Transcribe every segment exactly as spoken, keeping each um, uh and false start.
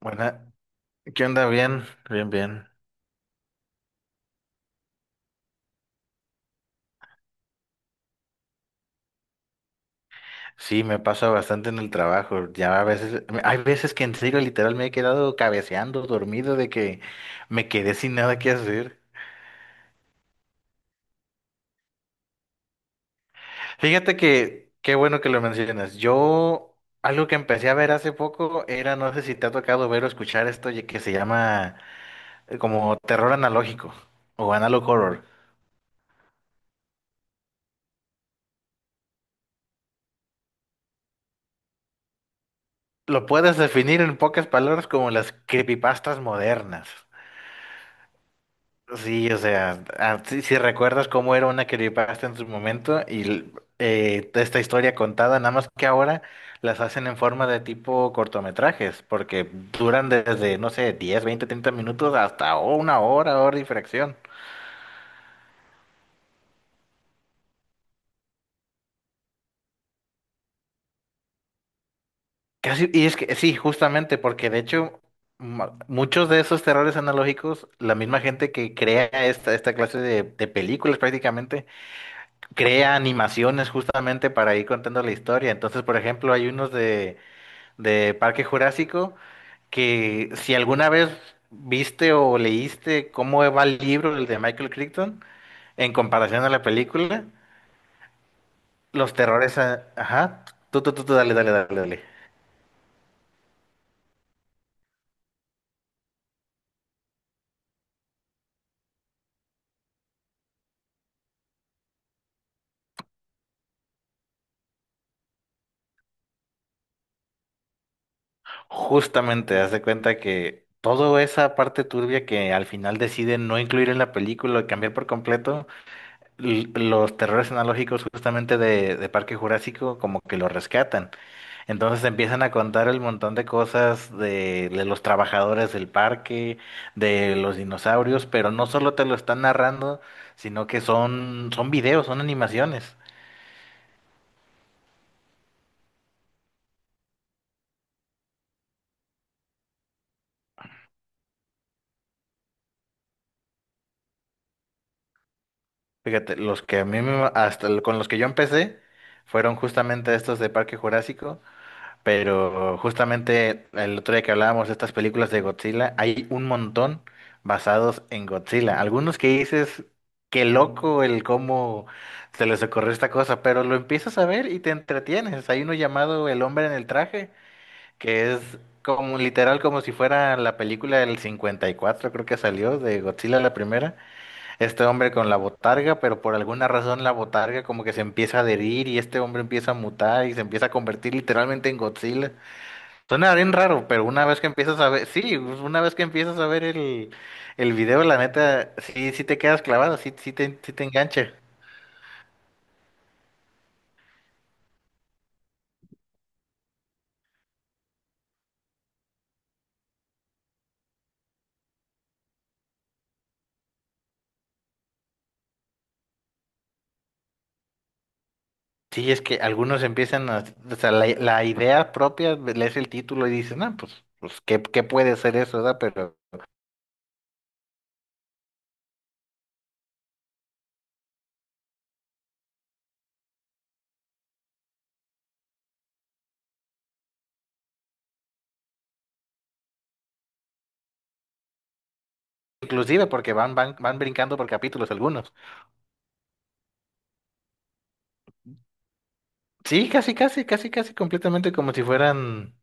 Buena, ¿qué onda? Bien, bien, bien. Sí, me pasa bastante en el trabajo. Ya a veces, hay veces que en serio literal me he quedado cabeceando, dormido, de que me quedé sin nada que hacer. Fíjate que, qué bueno que lo mencionas. Yo, algo que empecé a ver hace poco era, no sé si te ha tocado ver o escuchar esto ye- que se llama eh, como terror analógico o analog horror. Lo puedes definir en pocas palabras como las creepypastas modernas. Sí, o sea, ah, sí- si, recuerdas cómo era una creepypasta en su momento y l- eh, esta historia contada, nada más que ahora las hacen en forma de tipo cortometrajes, porque duran desde, no sé, diez, veinte, treinta minutos hasta una hora, hora y fracción. Casi, y es que sí, justamente, porque de hecho ma- muchos de esos terrores analógicos, la misma gente que crea esta, esta clase de, de películas prácticamente, crea animaciones justamente para ir contando la historia. Entonces, por ejemplo, hay unos de de Parque Jurásico, que si alguna vez viste o leíste cómo va el libro, el de Michael Crichton, en comparación a la película, los terrores, a- ajá, tú, tú, tú, tú, dale, dale, dale, dale. Justamente, haz de cuenta que toda esa parte turbia que al final deciden no incluir en la película o cambiar por completo, l- los terrores analógicos justamente de, de Parque Jurásico como que lo rescatan. Entonces empiezan a contar el montón de cosas de, de los trabajadores del parque, de los dinosaurios, pero no solo te lo están narrando, sino que son, son videos, son animaciones. Fíjate, los que a mí me- hasta el- con los que yo empecé fueron justamente estos de Parque Jurásico. Pero justamente el otro día que hablábamos de estas películas de Godzilla, hay un montón basados en Godzilla. Algunos que dices, qué loco el cómo se les ocurrió esta cosa, pero lo empiezas a ver y te entretienes. Hay uno llamado El hombre en el traje, que es como literal como si fuera la película del cincuenta y cuatro, creo que salió, de Godzilla la primera. Este hombre con la botarga, pero por alguna razón la botarga como que se empieza a adherir y este hombre empieza a mutar y se empieza a convertir literalmente en Godzilla. Suena bien raro, pero una vez que empiezas a ver, sí, pues, una vez que empiezas a ver el, el video, la neta, sí, sí te quedas clavado, sí, sí te, sí te engancha. Sí, es que algunos empiezan a, o sea, la, la idea propia, lees el título y dices, no, pues, pues, ¿qué, qué puede ser eso, verdad? Pero, inclusive porque van, van, van brincando por capítulos algunos. Sí, casi, casi, casi, casi completamente como si fueran.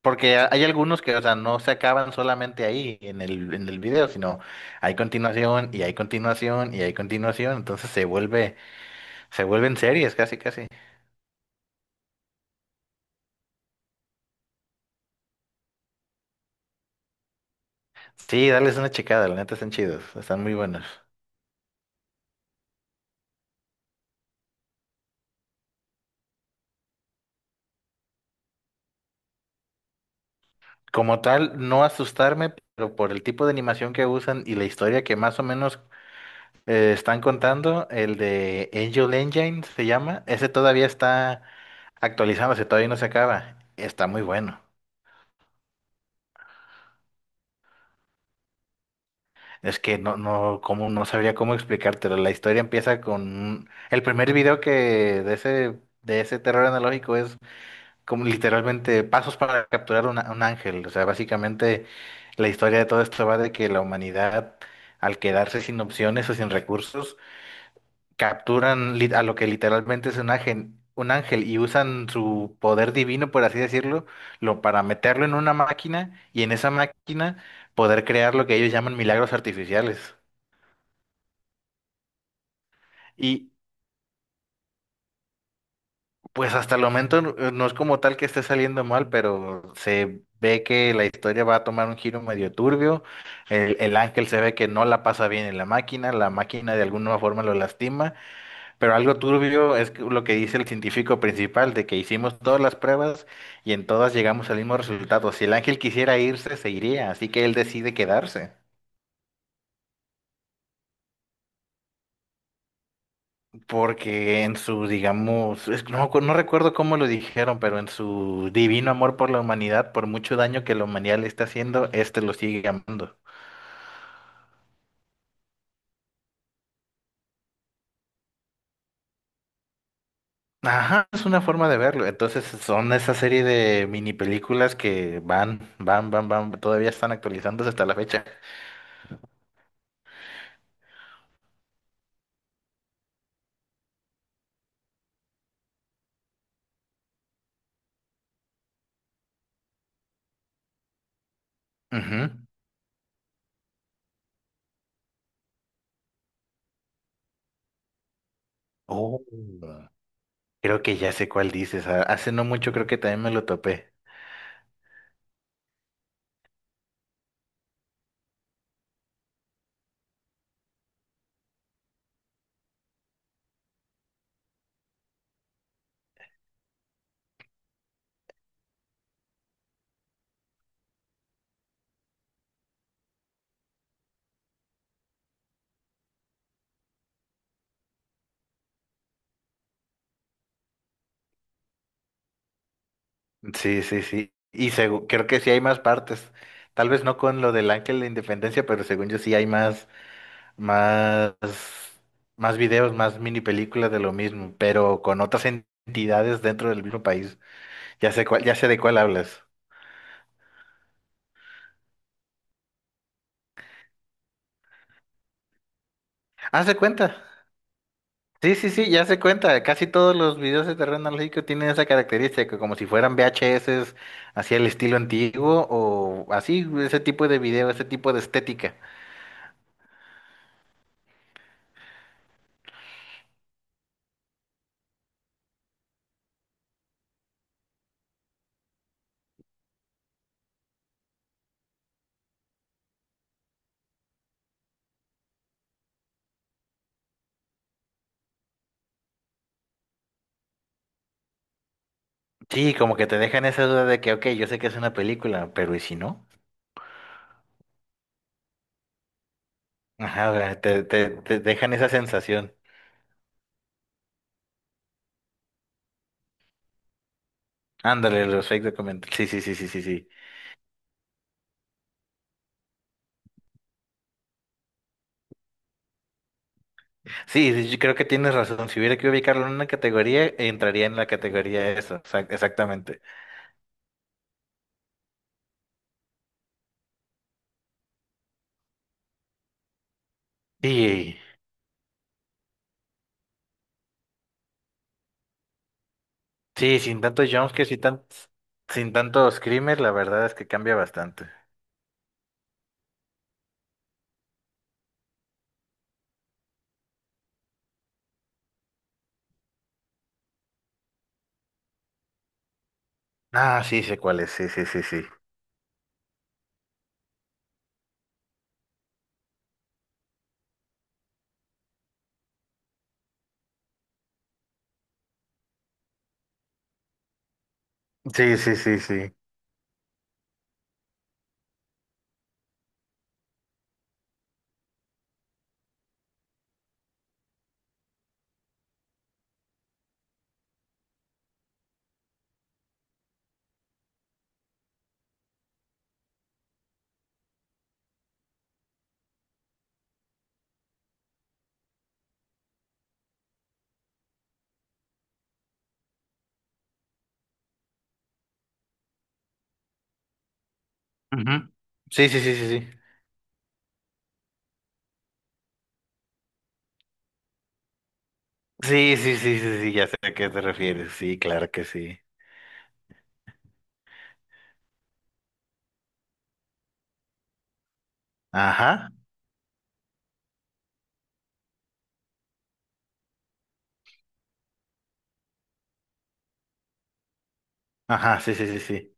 Porque ha- hay algunos que, o sea, no se acaban solamente ahí en el, en el video, sino hay continuación y hay continuación y hay continuación, entonces se vuelve, se vuelven series casi casi. Sí, dales una checada, la neta están chidos, están muy buenos. Como tal, no asustarme, pero por el tipo de animación que usan y la historia que más o menos eh, están contando, el de Angel Engine se llama, ese todavía está actualizándose, todavía no se acaba, está muy bueno. Es que no, no, cómo, no sabría cómo explicártelo. La historia empieza con un- el primer video que de ese, de ese terror analógico es como literalmente pasos para capturar un, un ángel. O sea, básicamente la historia de todo esto va de que la humanidad, al quedarse sin opciones o sin recursos, capturan lit- a lo que literalmente es un ángel, un ángel y usan su poder divino, por así decirlo, lo, para meterlo en una máquina y en esa máquina poder crear lo que ellos llaman milagros artificiales. Y pues hasta el momento no no es como tal que esté saliendo mal, pero se ve que la historia va a tomar un giro medio turbio. El, el ángel se ve que no la pasa bien en la máquina, la máquina de alguna forma lo lastima, pero algo turbio es que- lo que dice el científico principal, de que hicimos todas las pruebas y en todas llegamos al mismo resultado. Si el ángel quisiera irse, se iría, así que él decide quedarse. Porque en su, digamos, es- que no, me acuer- no recuerdo cómo lo dijeron, pero en su divino amor por la humanidad, por mucho daño que la humanidad le está haciendo, este lo sigue amando. Ajá, es una forma de verlo. Entonces son esa serie de mini películas que van, van, van, van, todavía están actualizándose hasta la fecha. Ujú. Oh. Creo que ya sé cuál dices. Ah, hace no mucho creo que también me lo topé. Sí, sí, sí. Y segu- creo que sí hay más partes. Tal vez no con lo del Ángel de Independencia, pero según yo sí hay más. Más, más videos, más mini películas de lo mismo, pero con otras entidades dentro del mismo país. Ya sé cuál, ya sé de cuál hablas. Ah, se cuenta. Sí, sí, sí, ya se cuenta. Casi todos los videos de terreno analógico tienen esa característica, como si fueran V H S, así el estilo antiguo o así, ese tipo de video, ese tipo de estética. Sí, como que te dejan esa duda de que, ok, yo sé que es una película, pero ¿y si no? Ajá, o sea, te, te, te dejan esa sensación. Ándale, los fake documentales. Sí, sí, sí, sí, sí, sí. Sí, sí, yo creo que tienes razón. Si hubiera que ubicarlo en una categoría, entraría en la categoría esa, exac- exactamente. Y sí, sin tantos jumpscares y tan, sin tantos screamers, la verdad es que cambia bastante. Ah, sí, sé cuál es, sí, sí, sí, sí. Sí, sí, sí, sí. Ujú. Sí, sí, sí, sí, sí. Sí, sí, sí, sí, sí, ya sé a qué te refieres. Sí, claro que sí. Ajá, ajá, sí, sí, sí, sí.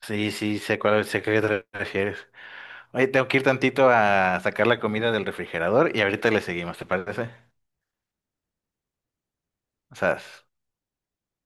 Sí, sí, sé cuál, sé a qué te refieres. Oye, tengo que ir tantito a sacar la comida del refrigerador y ahorita le seguimos, ¿te parece? O sea,